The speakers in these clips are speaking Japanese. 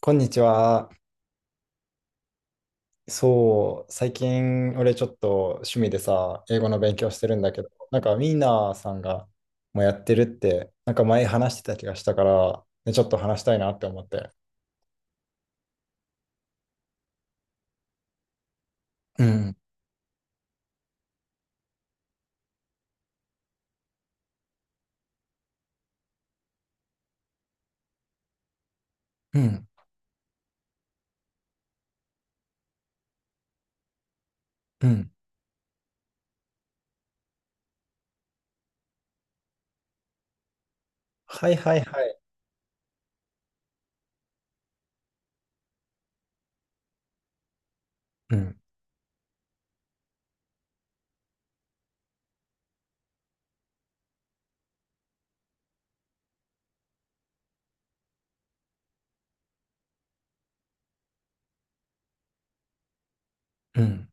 こんにちは。そう、最近俺ちょっと趣味でさ、英語の勉強してるんだけど、なんかミーナーさんがもうやってるって、なんか前話してた気がしたから、ね、ちょっと話したいなって思って。うん、うん、うん。はいはいはい。うん、うん。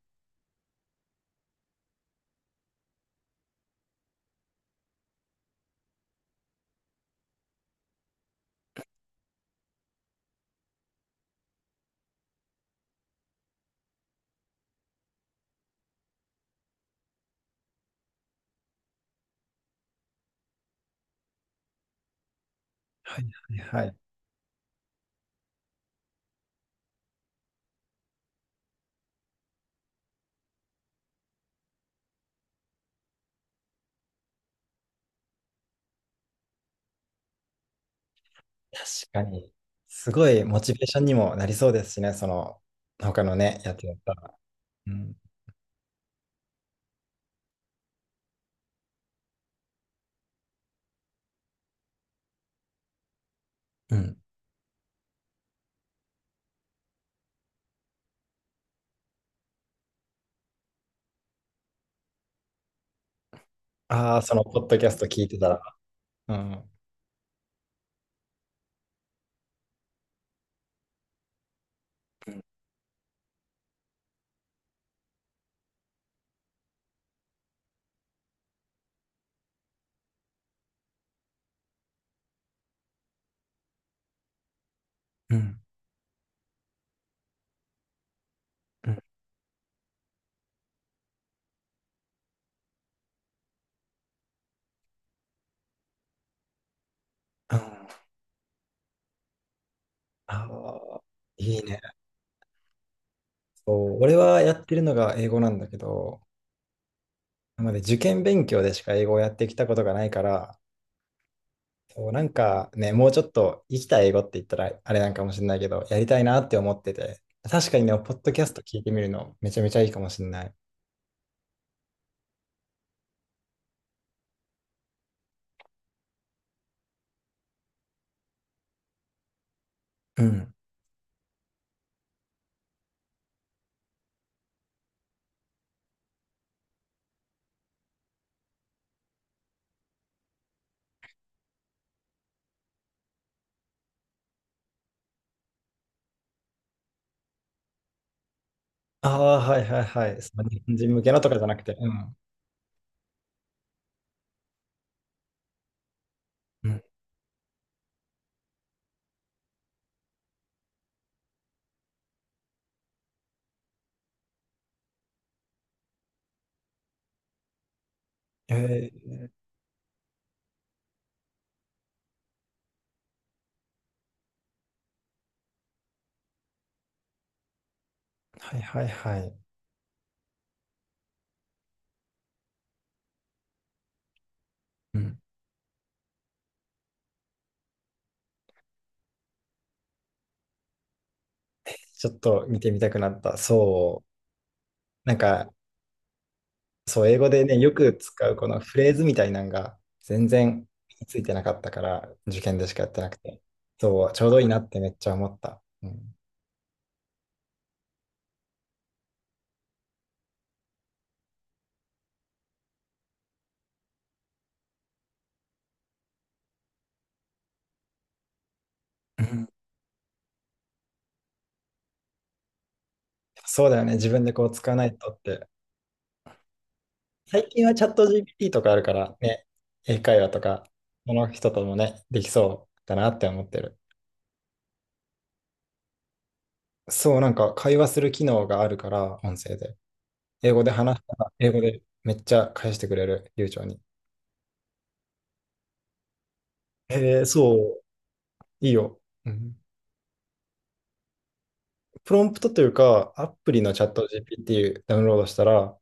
はいはいはい。確かに。すごいモチベーションにもなりそうですしね、その、他のね、やつやったら。うん、うん。ああ、その、ポッドキャスト聞いてたら。うん、うん、うん。うんああ、いいね。そう、俺はやってるのが英語なんだけど、なので受験勉強でしか英語をやってきたことがないから、そう、なんかね、もうちょっと生きた英語って言ったらあれなんかもしれないけど、やりたいなって思ってて、確かにね、ポッドキャスト聞いてみるのめちゃめちゃいいかもしれない。うん。ああ、はいはいはい。その日本人向けのとかじゃなくて、うん。うん。えーはいはいはい。うん。ちょっと見てみたくなった。そう。なんか、そう、英語でね、よく使うこのフレーズみたいなのが全然身についてなかったから、受験でしかやってなくて、そう、ちょうどいいなってめっちゃ思った。うん。うんそうだよね、自分でこう使わないとって。最近はチャット GPT とかあるからね、英会話とか、その人ともね、できそうだなって思ってる。そう、なんか会話する機能があるから、音声で。英語で話したら、英語でめっちゃ返してくれる、流暢に。へえ、そう、いいよ。うんプロンプトというか、アプリのチャット GPT ダウンロードしたら、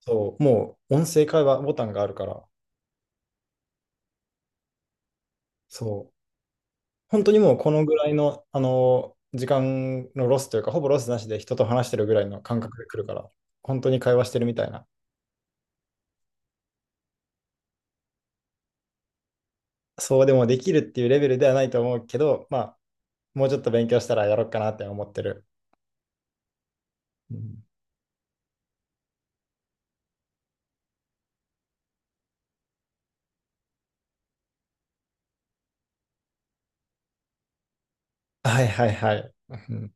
そう、もう音声会話ボタンがあるから、そう、本当にもうこのぐらいの、時間のロスというか、ほぼロスなしで人と話してるぐらいの感覚で来るから、本当に会話してるみたいな。そうでもできるっていうレベルではないと思うけど、まあ、もうちょっと勉強したらやろうかなって思ってる。うんはいはいはい。うん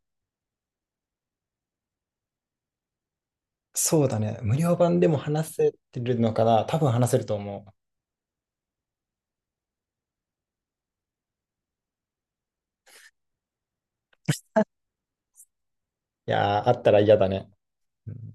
そうだね。無料版でも話せてるのかな多分話せると思う。いやー、あったら嫌だね。うん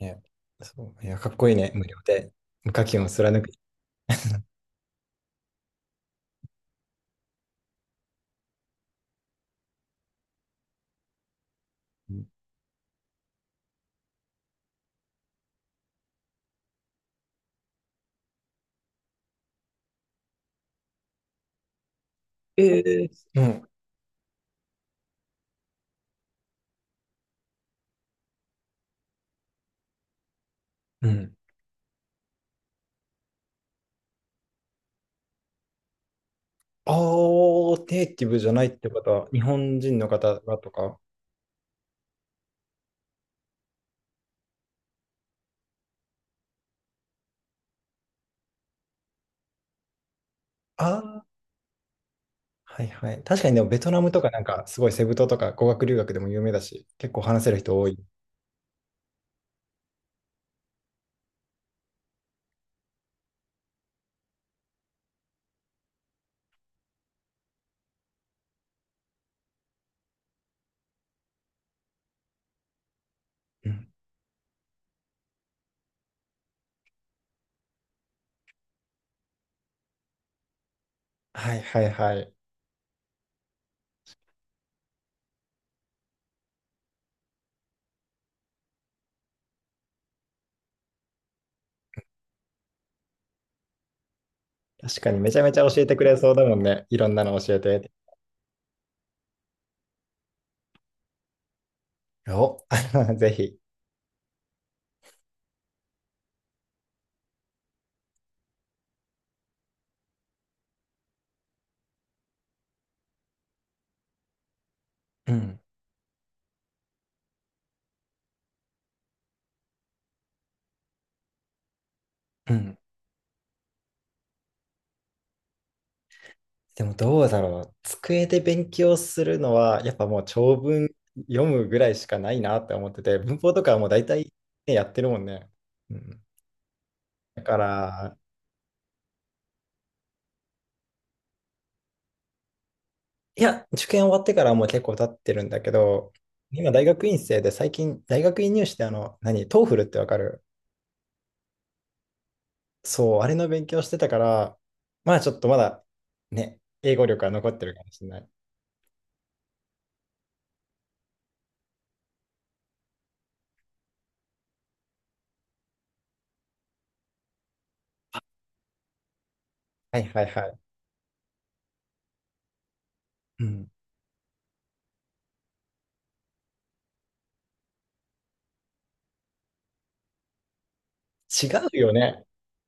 ね、そう、いや、かっこいいね、無料で。無課金を貫く。ええうん。うん。ああ、ネイティブじゃないってことは、日本人の方がとか。ああ、はいはい。確かにでも、ベトナムとかなんか、すごいセブ島とか語学留学でも有名だし、結構話せる人多い。うん。はいはいはい。確かにめちゃめちゃ教えてくれそうだもんね。いろんなの教えて。お、ぜひ。うん。うん。でもどうだろう。机で勉強するのは、やっぱもう長文読むぐらいしかないなって思ってて、文法とかはもう大体、ね、やってるもんね。うん、だから、いや、受験終わってからもう結構経ってるんだけど、今大学院生で最近、大学院入試って何、トーフルってわかる？そう、あれの勉強してたから、まあちょっとまだね、英語力は残ってるかもしれない。はいはいはい。うん違うよね。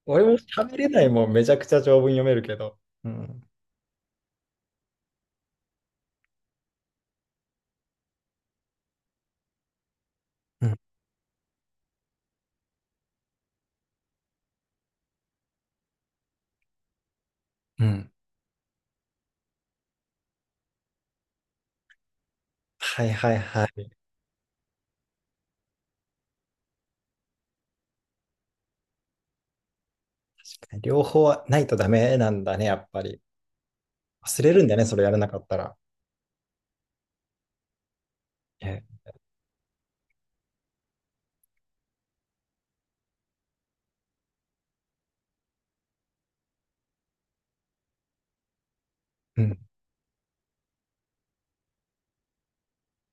俺も喋れないもん、めちゃくちゃ長文読めるけど。うん。うん、うん。はいはいはい。両方はないとダメなんだね、やっぱり。忘れるんだね、それやらなかったら。え、うん。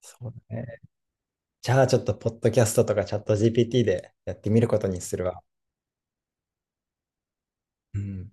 そうだね。じゃあちょっと、ポッドキャストとかチャット GPT でやってみることにするわ。うん